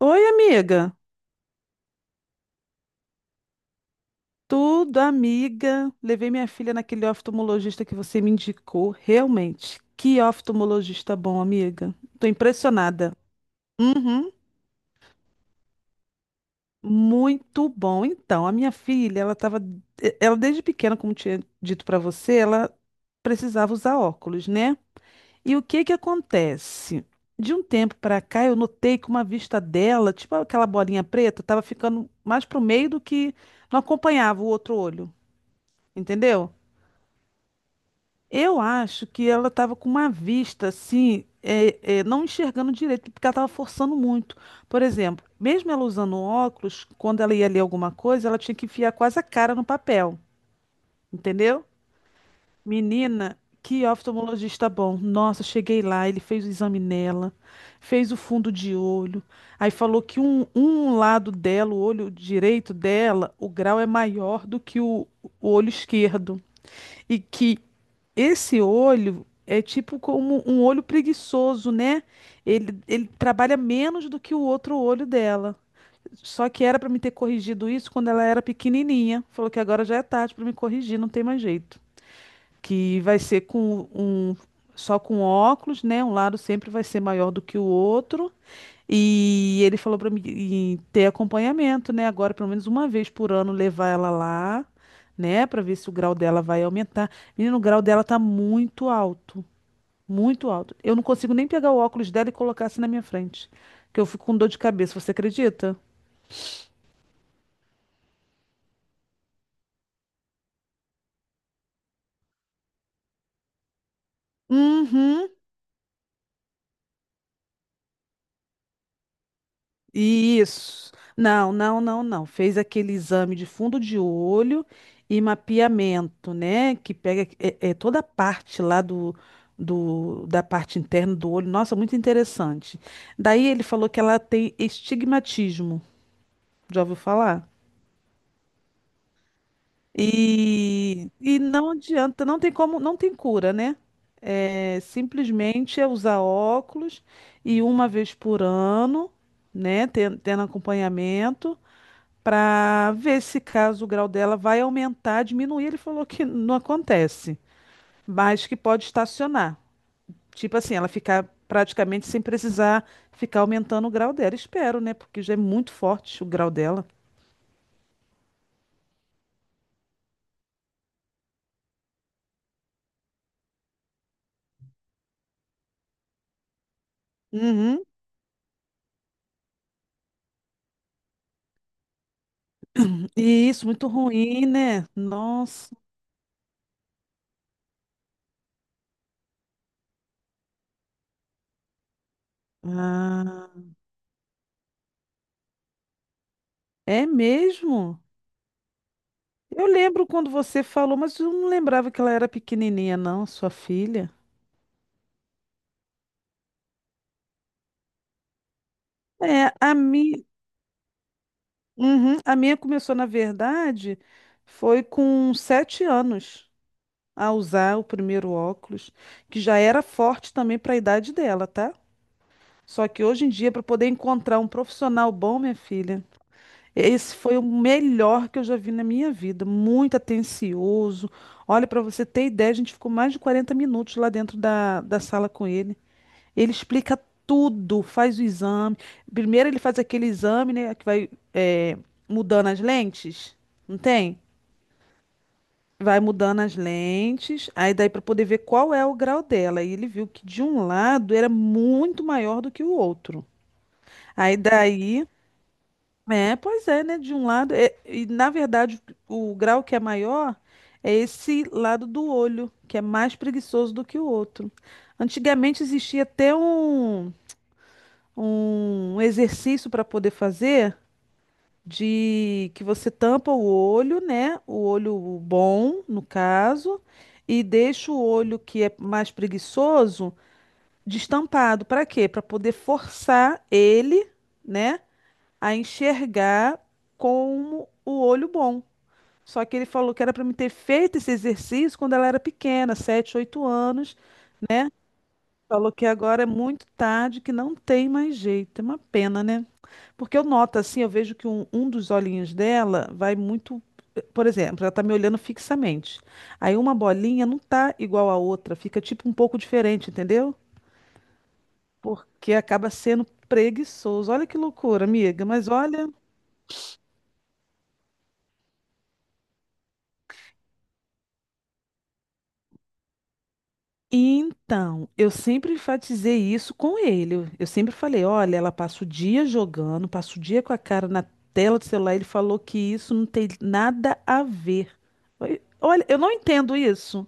Oi, amiga. Tudo, amiga. Levei minha filha naquele oftalmologista que você me indicou. Realmente, que oftalmologista bom, amiga. Tô impressionada. Uhum, muito bom. Então, a minha filha, ela desde pequena, como tinha dito pra você, ela precisava usar óculos, né? E o que que acontece? De um tempo pra cá, eu notei que uma vista dela, tipo aquela bolinha preta, tava ficando mais pro meio do que não acompanhava o outro olho, entendeu? Eu acho que ela estava com uma vista assim, não enxergando direito, porque ela estava forçando muito. Por exemplo, mesmo ela usando um óculos, quando ela ia ler alguma coisa, ela tinha que enfiar quase a cara no papel, entendeu? Menina, que oftalmologista bom. Nossa, cheguei lá, ele fez o exame nela, fez o fundo de olho, aí falou que um lado dela, o olho direito dela, o grau é maior do que o olho esquerdo e que esse olho é tipo como um olho preguiçoso, né? Ele trabalha menos do que o outro olho dela. Só que era para me ter corrigido isso quando ela era pequenininha. Falou que agora já é tarde para me corrigir, não tem mais jeito. Que vai ser com só com óculos, né? Um lado sempre vai ser maior do que o outro. E ele falou para mim e ter acompanhamento, né? Agora, pelo menos uma vez por ano, levar ela lá, né? Para ver se o grau dela vai aumentar. Menino, o grau dela tá muito alto, muito alto. Eu não consigo nem pegar o óculos dela e colocar assim na minha frente, que eu fico com dor de cabeça. Você acredita? Uhum. Isso. Não, não, não, não. Fez aquele exame de fundo de olho e mapeamento, né? Que pega toda a parte lá da parte interna do olho. Nossa, muito interessante. Daí ele falou que ela tem estigmatismo. Já ouviu falar? E não adianta, não tem como, não tem cura, né? É, simplesmente é usar óculos e uma vez por ano, né? Tendo acompanhamento. Para ver se caso o grau dela vai aumentar, diminuir. Ele falou que não acontece, mas que pode estacionar. Tipo assim, ela ficar praticamente sem precisar ficar aumentando o grau dela. Espero, né? Porque já é muito forte o grau dela. Uhum. E isso, muito ruim, né? Nossa. Ah, é mesmo? Eu lembro quando você falou, mas eu não lembrava que ela era pequenininha, não, sua filha. É, a minha. Uhum. A minha começou, na verdade, foi com 7 anos a usar o primeiro óculos, que já era forte também para a idade dela, tá? Só que hoje em dia, para poder encontrar um profissional bom, minha filha, esse foi o melhor que eu já vi na minha vida. Muito atencioso. Olha, para você ter ideia, a gente ficou mais de 40 minutos lá dentro da sala com ele. Ele explica tudo, faz o exame. Primeiro ele faz aquele exame, né, que vai é, mudando as lentes, não tem? Vai mudando as lentes, aí daí para poder ver qual é o grau dela. E ele viu que de um lado era muito maior do que o outro. Aí daí, pois é, né? De um lado, e na verdade o grau que é maior é esse lado do olho, que é mais preguiçoso do que o outro. Antigamente existia até um exercício para poder fazer de que você tampa o olho, né? O olho bom, no caso, e deixa o olho que é mais preguiçoso destampado. Para quê? Para poder forçar ele, né, a enxergar como o olho bom. Só que ele falou que era para me ter feito esse exercício quando ela era pequena, 7, 8 anos. Falou que agora é muito tarde, que não tem mais jeito. É uma pena, né? Porque eu noto assim, eu vejo que um dos olhinhos dela vai muito. Por exemplo, ela tá me olhando fixamente. Aí uma bolinha não tá igual à outra, fica tipo um pouco diferente, entendeu? Porque acaba sendo preguiçoso. Olha que loucura, amiga, mas olha. Então, eu sempre enfatizei isso com ele. Eu sempre falei: olha, ela passa o dia jogando, passa o dia com a cara na tela do celular. Ele falou que isso não tem nada a ver. Oi, olha, eu não entendo isso.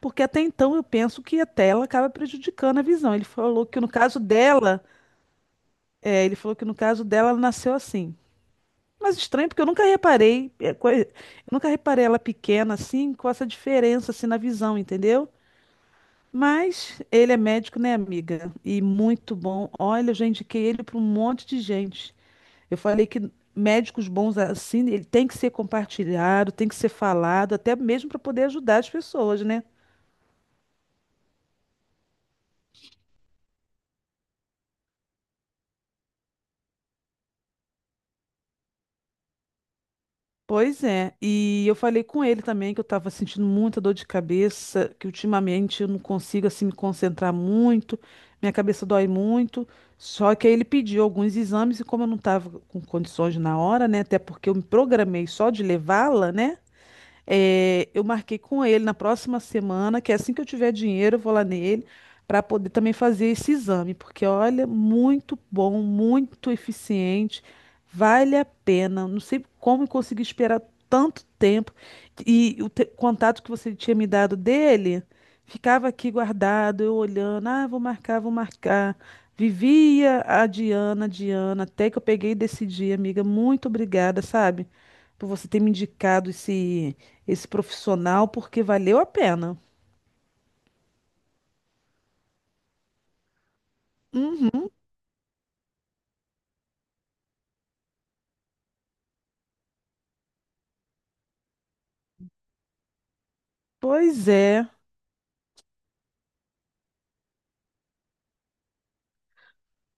Porque até então eu penso que a tela acaba prejudicando a visão. Ele falou que no caso dela ela nasceu assim. Mas estranho, porque eu nunca reparei, eu nunca reparei ela pequena assim, com essa diferença assim na visão, entendeu? Mas ele é médico, né, amiga? E muito bom. Olha, eu já indiquei ele para um monte de gente. Eu falei que médicos bons assim, ele tem que ser compartilhado, tem que ser falado, até mesmo para poder ajudar as pessoas, né? Pois é, e eu falei com ele também que eu estava sentindo muita dor de cabeça, que ultimamente eu não consigo assim me concentrar muito, minha cabeça dói muito. Só que aí ele pediu alguns exames e como eu não estava com condições na hora, né, até porque eu me programei só de levá-la, né? É, eu marquei com ele na próxima semana, que assim que eu tiver dinheiro, eu vou lá nele para poder também fazer esse exame, porque olha, muito bom, muito eficiente, vale a pena. Não sei como eu consegui esperar tanto tempo e o contato que você tinha me dado dele ficava aqui guardado, eu olhando, ah, vou marcar, vou marcar. Vivia a Diana, Diana, até que eu peguei e decidi, amiga, muito obrigada, sabe? Por você ter me indicado esse profissional porque valeu a pena. Uhum, pois é.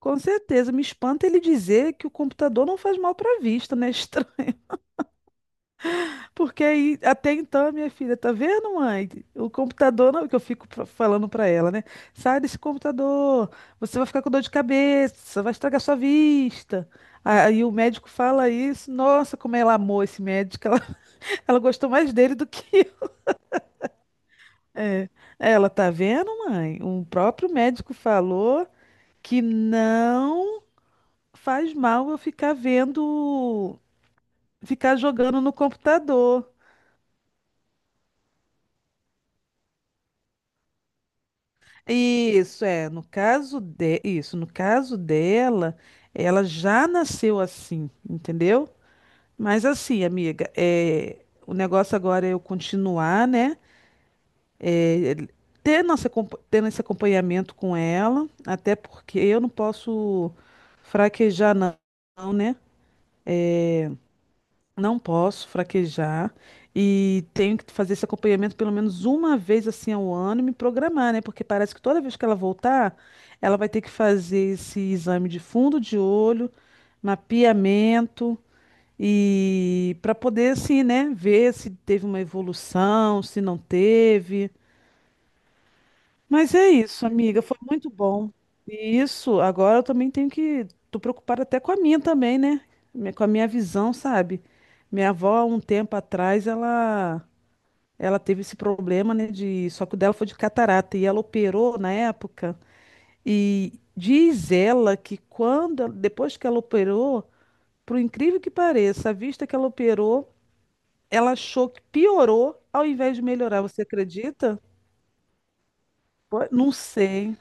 Com certeza, me espanta ele dizer que o computador não faz mal para a vista, né? Porque aí, até então, minha filha, tá vendo, mãe? O computador não, que eu fico falando para ela, né? Sai desse computador, você vai ficar com dor de cabeça, vai estragar sua vista. Aí o médico fala isso, nossa, como ela amou esse médico, ela gostou mais dele do que eu. É, ela tá vendo, mãe? O próprio médico falou que não faz mal eu ficar vendo, ficar jogando no computador. Isso é, no caso dela, ela já nasceu assim, entendeu? Mas assim, amiga, o negócio agora é eu continuar, né? É, ter nossa, compa- tendo esse acompanhamento com ela, até porque eu não posso fraquejar, não, né? Não posso fraquejar e tenho que fazer esse acompanhamento pelo menos uma vez assim ao ano e me programar, né? Porque parece que toda vez que ela voltar, ela vai ter que fazer esse exame de fundo de olho, mapeamento e para poder assim, né, ver se teve uma evolução, se não teve. Mas é isso, amiga, foi muito bom. E isso, agora eu também tenho que. Tô preocupada até com a minha também, né? Com a minha visão, sabe? Minha avó, há um tempo atrás, ela teve esse problema, né? Só que o dela foi de catarata e ela operou na época. E diz ela que quando, depois que ela operou, por incrível que pareça, a vista que ela operou, ela achou que piorou ao invés de melhorar. Você acredita? Pô, não sei.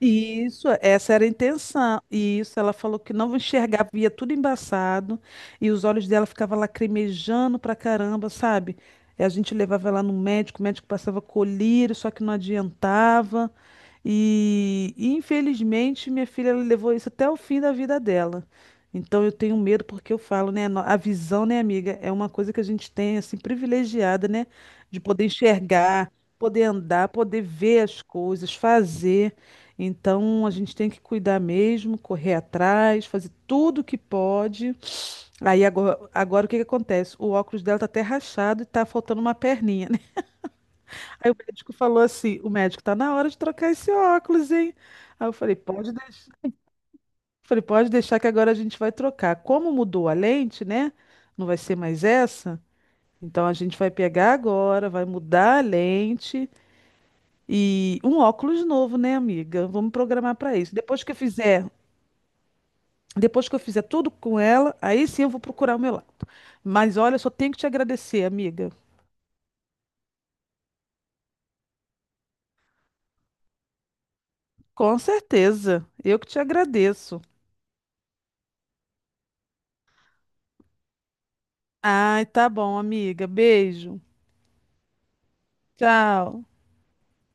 Isso, essa era a intenção. E isso, ela falou que não enxergava, via tudo embaçado, e os olhos dela ficavam lacrimejando pra caramba, sabe? E a gente levava ela no médico, o médico passava colírio, só que não adiantava. Infelizmente, minha filha ela levou isso até o fim da vida dela. Então eu tenho medo porque eu falo, né, a visão, né, amiga, é uma coisa que a gente tem assim privilegiada, né, de poder enxergar, poder andar, poder ver as coisas, fazer. Então a gente tem que cuidar mesmo, correr atrás, fazer tudo o que pode. Aí agora o que que acontece? O óculos dela tá até rachado e tá faltando uma perninha, né? Aí o médico falou assim: "O médico tá na hora de trocar esse óculos, hein?" Aí eu falei: "Pode, falei, pode deixar que agora a gente vai trocar. Como mudou a lente, né? Não vai ser mais essa. Então a gente vai pegar agora, vai mudar a lente e um óculos novo, né, amiga? Vamos programar para isso. Depois que eu fizer tudo com ela, aí sim eu vou procurar o meu lado. Mas olha, eu só tenho que te agradecer, amiga. Com certeza. Eu que te agradeço. Ai, tá bom, amiga. Beijo. Tchau.